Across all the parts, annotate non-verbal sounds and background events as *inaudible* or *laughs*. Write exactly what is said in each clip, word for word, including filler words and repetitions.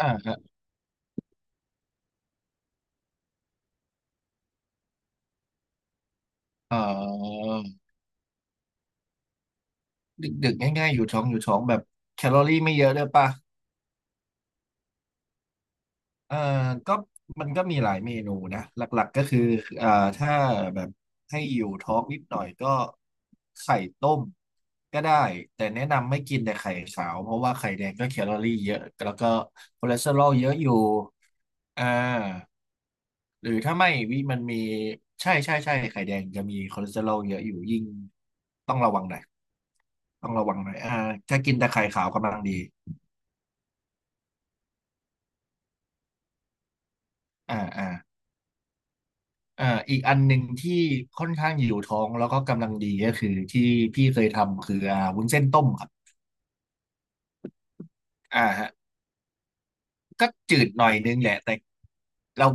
อ่าครับเอ่อดึกๆง่ายๆอยู่ท้องอยู่ท้องแบบแคลอรี่ไม่เยอะด้วยป่ะเอ่อก็มันก็มีหลายเมนูนะหลักๆก็คืออ่าถ้าแบบให้อยู่ท้องนิดหน่อยก็ไข่ต้มก็ได้แต่แนะนำไม่กินแต่ไข่ขาวเพราะว่าไข่แดงก็แคลอรี่เยอะแล้วก็คอเลสเตอรอลเยอะอยู่อ่าหรือถ้าไม่วิมันมีใช่ใช่ใช่ไข่แดงจะมีคอเลสเตอรอลเยอะอยู่ยิ่งต้องระวังหน่อย ต้องระวังหน่อยอ่าถ้ากินแต่ไข่ขาวกำลังดีอ่าอ่าอ่าอีกอันหนึ่งที่ค่อนข้างหิวท้องแล้วก็กำลังดีก็คือที่พี่เคยทำคืออ่าวุ้นเส้นต้มครับอ่า ก็จืดหน่อยนึงแหละแต่เรา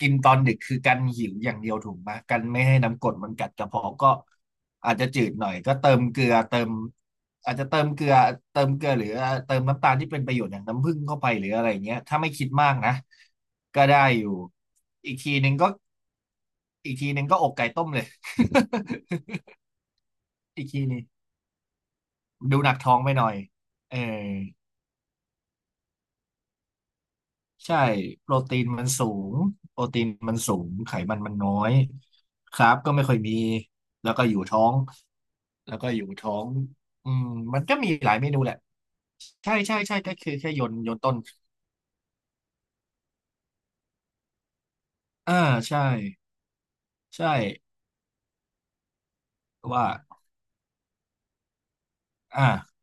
กินตอนดึกคือกันหิวอย่างเดียวถูกไหมกันไม่ให้น้ำกรดมันกัดกระเพาะก็อาจจะจืดหน่อยก็เติมเกลือเติมอาจจะเติมเกลือเติมเกลือหรือเติมน้ำตาลที่เป็นประโยชน์อย่างน้ำผึ้งเข้าไปหรืออะไรเงี้ยถ้าไม่คิดมากนะก็ได้อยู่อีกทีหนึ่งก็อีกทีหนึ่งก็อกไก่ต้มเลย *laughs* อีกทีหนึงดูหนักท้องไปหน่อยเออ ใช่โปรตีนมันสูงโปรตีนมันสูงไขมันมันน้อยคาร์บก็ไม่ค่อยมีแล้วก็อยู่ท้องแล้วก็อยู่ท้องอืมมันก็มีหลายเมนูแหละใช่ใช่ใช่ก็คือแค่โยนโยนต้นอ่าใช่ใช่ว่าอ่า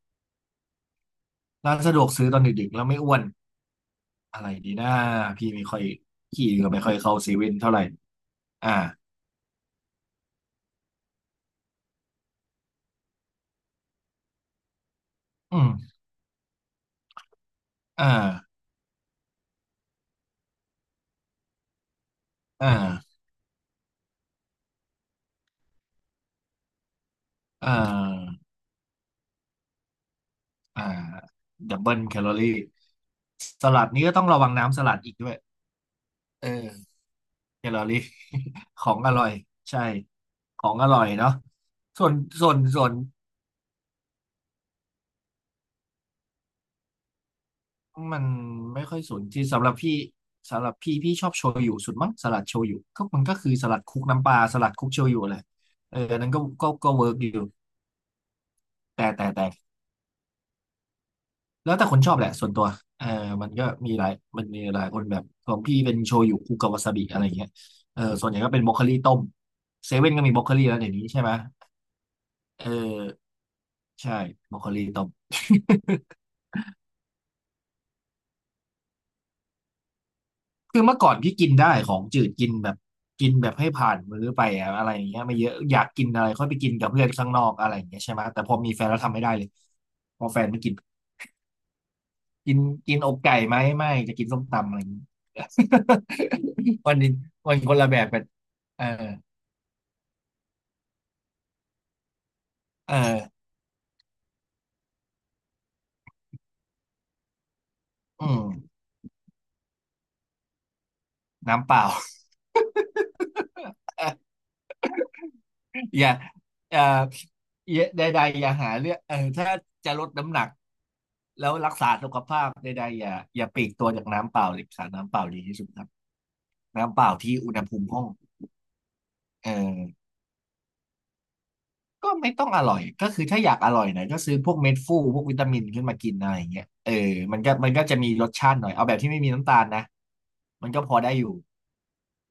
ร้านสะดวกซื้อตอนดึกๆแล้วไม่อ้วนอะไรดีนะพี่ไม่ค่อยพี่ก็ไม่ค่อยเข้าเซเว่นเท่าไหร่อ่าอืมอ่าอ่าอ่า อ่าดับเบิลแคลอรี่สลัดนี้ก็ต้องระวังน้ำสลัดอีกด้วยเออแคลอรี่ *laughs* ของอร่อยใช่ของอร่อยเนาะส่วนส่วนส่วนมันไม่ค่อยสนที่สำหรับพี่สำหรับพี่พี่ชอบโชยุสุดมั้งสลัดโชยุก็มันก็คือสลัดคลุกน้ำปลาสลัดคลุกโชยุเลยเอออันนั้นก็ก็ก็เวิร์กอยู่แต่แต่แต่ แล้วแต่คนชอบแหละส่วนตัวเออมันก็มีหลายมันมีหลายคนแบบของพี่เป็นโชยุคุกาวาซาบิอะไรอย่างเงี้ยเออส่วนใหญ่ก็เป็นบรอกโคลีต้มเซเว่นก็มีบรอกโคลีแล้วเดี๋ยวนี้ใช่ไหมเออใช่บรอกโคลีต้ม *laughs* คือเมื่อก่อนพี่กินได้ของจืดกินแบบกินแบบให้ผ่านมื้อไปอะอะไรอย่างเงี้ยไม่เยอะอยากกินอะไรค่อยไปกินกับเพื่อนข้างนอกอะไรอย่างเงี้ยใช่ไหมแต่พอมีแฟนแล้วทำไม่ได้เลยพอแฟนไม่กินกินกินอกไก่ไหมไม่จะกินส้มตำอะไรอย่างงี้ *laughs* วันนี้วันคนละแบบกันเออ เอออืมน้ำเปล่า *laughs* อย่าเอ่ออย่าใดๆอย่าหาเรื่องเออถ้าจะลดน้ำหนักแล้วรักษาสุขภาพใดๆอย่าอย่าปลีกตัวจากน้ำเปล่าเลยค่ะน้ำเปล่าดีที่สุดครับ น้ำเปล่าที่อุณหภูมิห้องเออก็ไม่ต้องอร่อยก็คือถ้าอยากอร่อยหน่อยก็ซื้อพวกเม็ดฟูพวกวิตามินขึ้นมากินอะไรอย่างเงี้ยเออมันก็มันก็จะมีรสชาติหน่อยเอาแบบที่ไม่มีน้ำตาลนะมันก็พอได้อยู่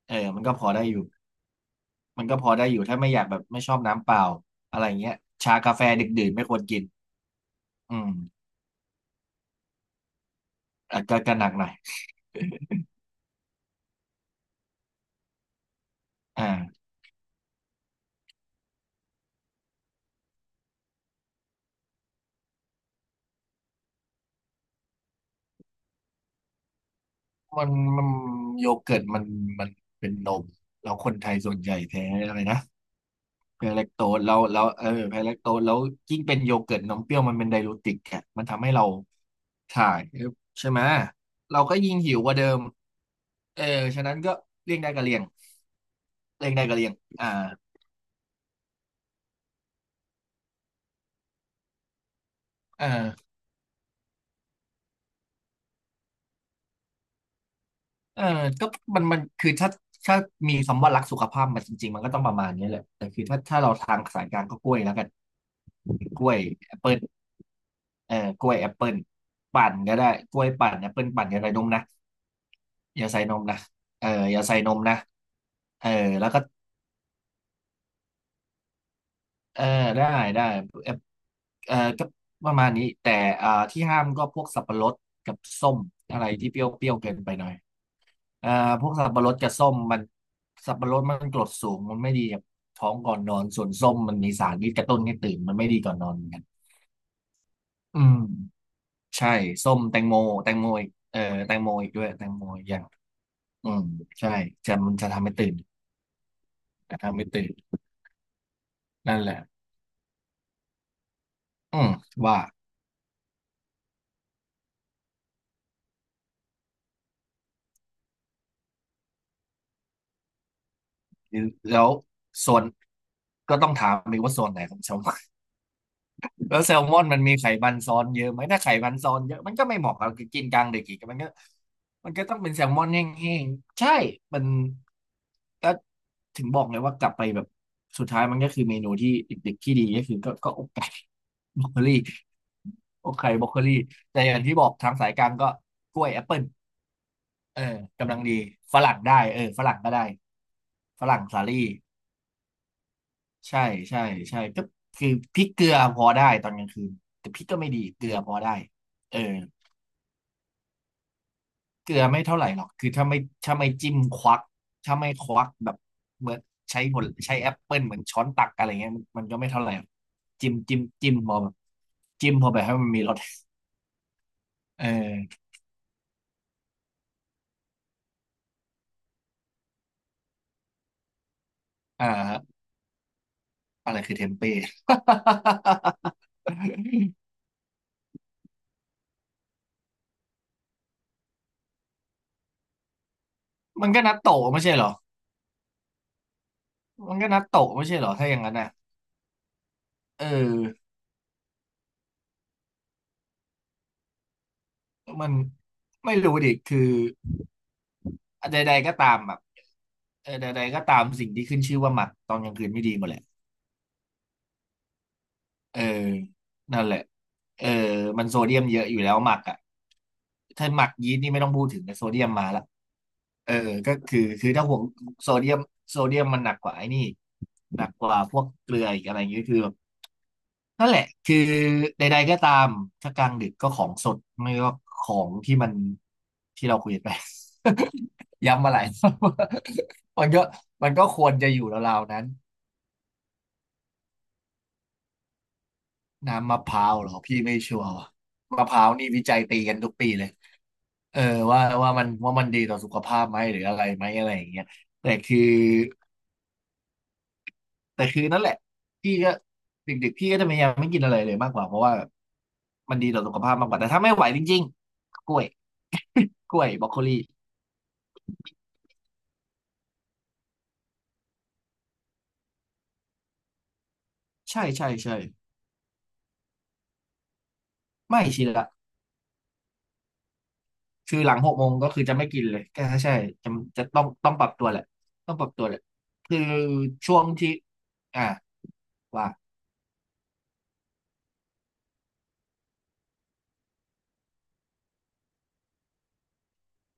เออมันก็พอได้อยู่ มันก็พอได้อยู่ถ้าไม่อยากแบบไม่ชอบน้ำเปล่าอะไรเงี้ยชากาแฟดึกดื่นไม่ควรกินอืมอ่ะก็ก็หนักหน่อยอ่ามันมันโยเกิร์ตมันมันเป็นนมแล้วคนไทยส่วนใหญ่แท้อะไรนะแพ้แลคโตสแล้วแล้วเออแพ้แลคโตสแล้วยิ่งเป็นโยเกิร์ตนมเปรี้ยวมันเป็นไดยูติกอะมันทำให้เราถ่ายใช่ไหมเราก็ยิ่งหิวกว่าเดิมเออฉะนั้นก็เลี่ยงได้ก็เลี่ยงเลี่ยงได้ก็เลี่ยงอ่าเออ เออก็มันมันคือถ้าถ้ามีคำว่ารักสุขภาพมาจริงๆมันก็ต้องประมาณนี้แหละแต่คือถ้าถ้าเราทางสายกลางก็กล้วยแล้วกันกล้วยแอปเปิลเออกล้วยแอปเปิลปั่นก็ได้กล้วยปั่นแอปเปิลปั่นอย่าใส่นมนะอย่าใส่นมนะเอออย่าใส่นมนะเออแล้วก็เออได้ได้แอปเออก็ประมาณนี้แต่อ่าที่ห้ามก็พวกสับปะรดกับส้มอะไรที่เปรี้ยวเปรี้ยวเกินไปหน่อย เอ่อพวกสับปะรดกับส้มมันสับปะรดมันกรดสูงมันไม่ดีกับท้องก่อนนอนส่วนส้มมันมีสารพิษกระตุ้นให้ตื่นมันไม่ดีก่อนนอนเหมือนกันอืมใช่ส้มแตงโมแตงโมอีกเออแตงโมอีกด้วยแตงโมอีกอย่างอืมใช่จะมันจะทำให้ตื่นจะทำให้ตื่นนั่นแหละอืมว่าแล้วส่วนก็ต้องถามอีกว่าส่วนไหนของสม แล้วแซลมอนมันมีไขมันซ้อนเยอะไหมถ้าไขมันซ้อนเยอะมันก็ไม่เหมาะกับกินกลางเด็กอีกมันก็มันก็ต้องเป็นแซลมอนแห้งๆใช่มันก็ถึงบอกเลยว่ากลับไปแบบสุดท้ายมันก็คือเมนูที่เด็กๆที่ดีก็คือก็ก็อกไก่บรอกโคลีอกไก่บรอกโคลีแต่อย่างที่บอกทางสายกลางก็กล้วยแอปเปิลเออกำลังดีฝรั่งได้เออฝรั่งก็ได้ฝรั่งสาลี่ ใช่ใช่ใช่ก็คือพริกเกลือพอได้ตอนกลางคืนแต่พริกก็ไม่ดีเกลือพอได้เออเกลือไม่เท่าไหร่หรอกคือถ้าไม่ถ้าไม่จิ้มควักถ้าไม่ควักแบบเหมือนใช้ผลใช้แอปเปิลเหมือนช้อนตักอะไรเงี้ยมันมันก็ไม่เท่าไหร่หรอกจิ้มจิ้มจิ้มพอแบบจิ้มพอแบบให้มันมีรสเอออ่าอะไรคือเทมเป้ *laughs* มันก็นัตโตะไม่ใช่เหรอมันก็นัตโตะไม่ใช่เหรอถ้าอย่างนั้นน่ะเออมันไม่รู้ดิคือ ใดๆก็ตามแบบเออใดๆก็ตามสิ่งที่ขึ้นชื่อว่าหมักตอนกลางคืนไม่ดีหมดแหละเออนั่นแหละเออมันโซเดียมเยอะอยู่แล้วหมักอ่ะถ้าหมักยีสต์นี่ไม่ต้องพูดถึงแต่โซเดียมมาละเออก็คือคือถ้าห่วงโซเดียมโซเดียมมันหนักกว่าไอ้นี่หนักกว่าพวกเกลืออีกอะไรอย่างเงี้ยคือแบบ นั่นแหละคือใดๆก็ตามถ้ากลางดึกก็ของสดไม่ก็ของที่มันที่เราคุยกันไป *laughs* ย้ำมาหลาย *laughs* รอบมันก็มันก็ควรจะอยู่ราวๆนั้นน้ำมะพร้าวเหรอพี่ไม่ชัวร์ว่ะมะพร้าวนี่วิจัยตีกันทุกปีเลยเออว่าว่ามันว่ามันดีต่อสุขภาพไหมหรืออะไรไหมอะไรอย่างเงี้ยแต่คือ แต่คือนั่นแหละพี่ก็เด็กๆพี่ก็จะพยายามไม่กินอะไรเลยมากกว่าเพราะว่ามันดีต่อสุขภาพมากกว่าแต่ถ้าไม่ไหวจริงๆกล้วย *laughs* กล้วยบรอกโคลีใช่ใช่ใช่ไม่ชินละคือหลังหกโมงก็คือจะไม่กินเลยก็ใช่จะจะต้องต้องปรับตัวแหละต้องปรับตัวแหละคือช่วงที่อ่ะว่า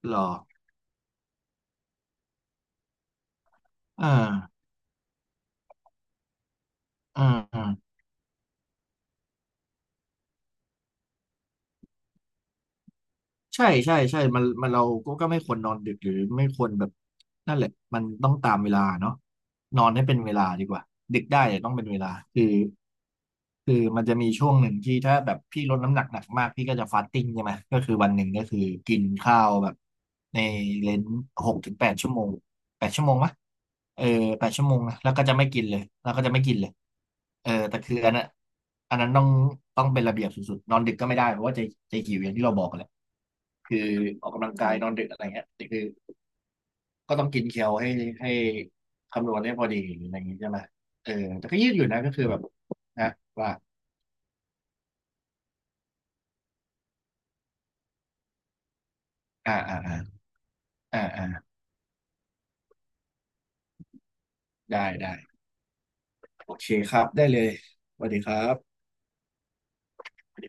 รออ่าอ่า ใช่ใช่ใช่มันมันเราก็ก็ไม่ควรนอนดึกหรือไม่ควรแบบนั่นแหละมันต้องตามเวลาเนาะนอนให้เป็นเวลาดีกว่าดึกได้แต่ต้องเป็นเวลาคือคือมันจะมีช่วงหนึ่งที่ถ้าแบบพี่ลดน้ำหนักหนักมากพี่ก็จะฟาสติ้งใช่ไหมก็คือวันหนึ่งก็คือกินข้าวแบบในเลนหกถึงแปดชั่วโมงแปดชั่วโมงปะเออแปดชั่วโมงนะแล้วก็จะไม่กินเลยแล้วก็จะไม่กินเลยเออแต่คืออันนั้นอันนั้นต้องต้องเป็นระเบียบสุดๆนอนดึกก็ไม่ได้เพราะว่าจะจะหิวอย่างที่เราบอกแหละ คือออกกำลังกายนอนดึกอะไรเงี้ยนี่คือก็ต้องกินแคลให้ให้คำนวณให้พอดีอะไรอย่างงี้ใช่ไหมเออแต่ก็ยืดอยู่นะก็คือแบบนะว่าอ่าอ่าอ่าอ่าอ่าได้ได้โอเคครับได้เลยสวัสดีครับ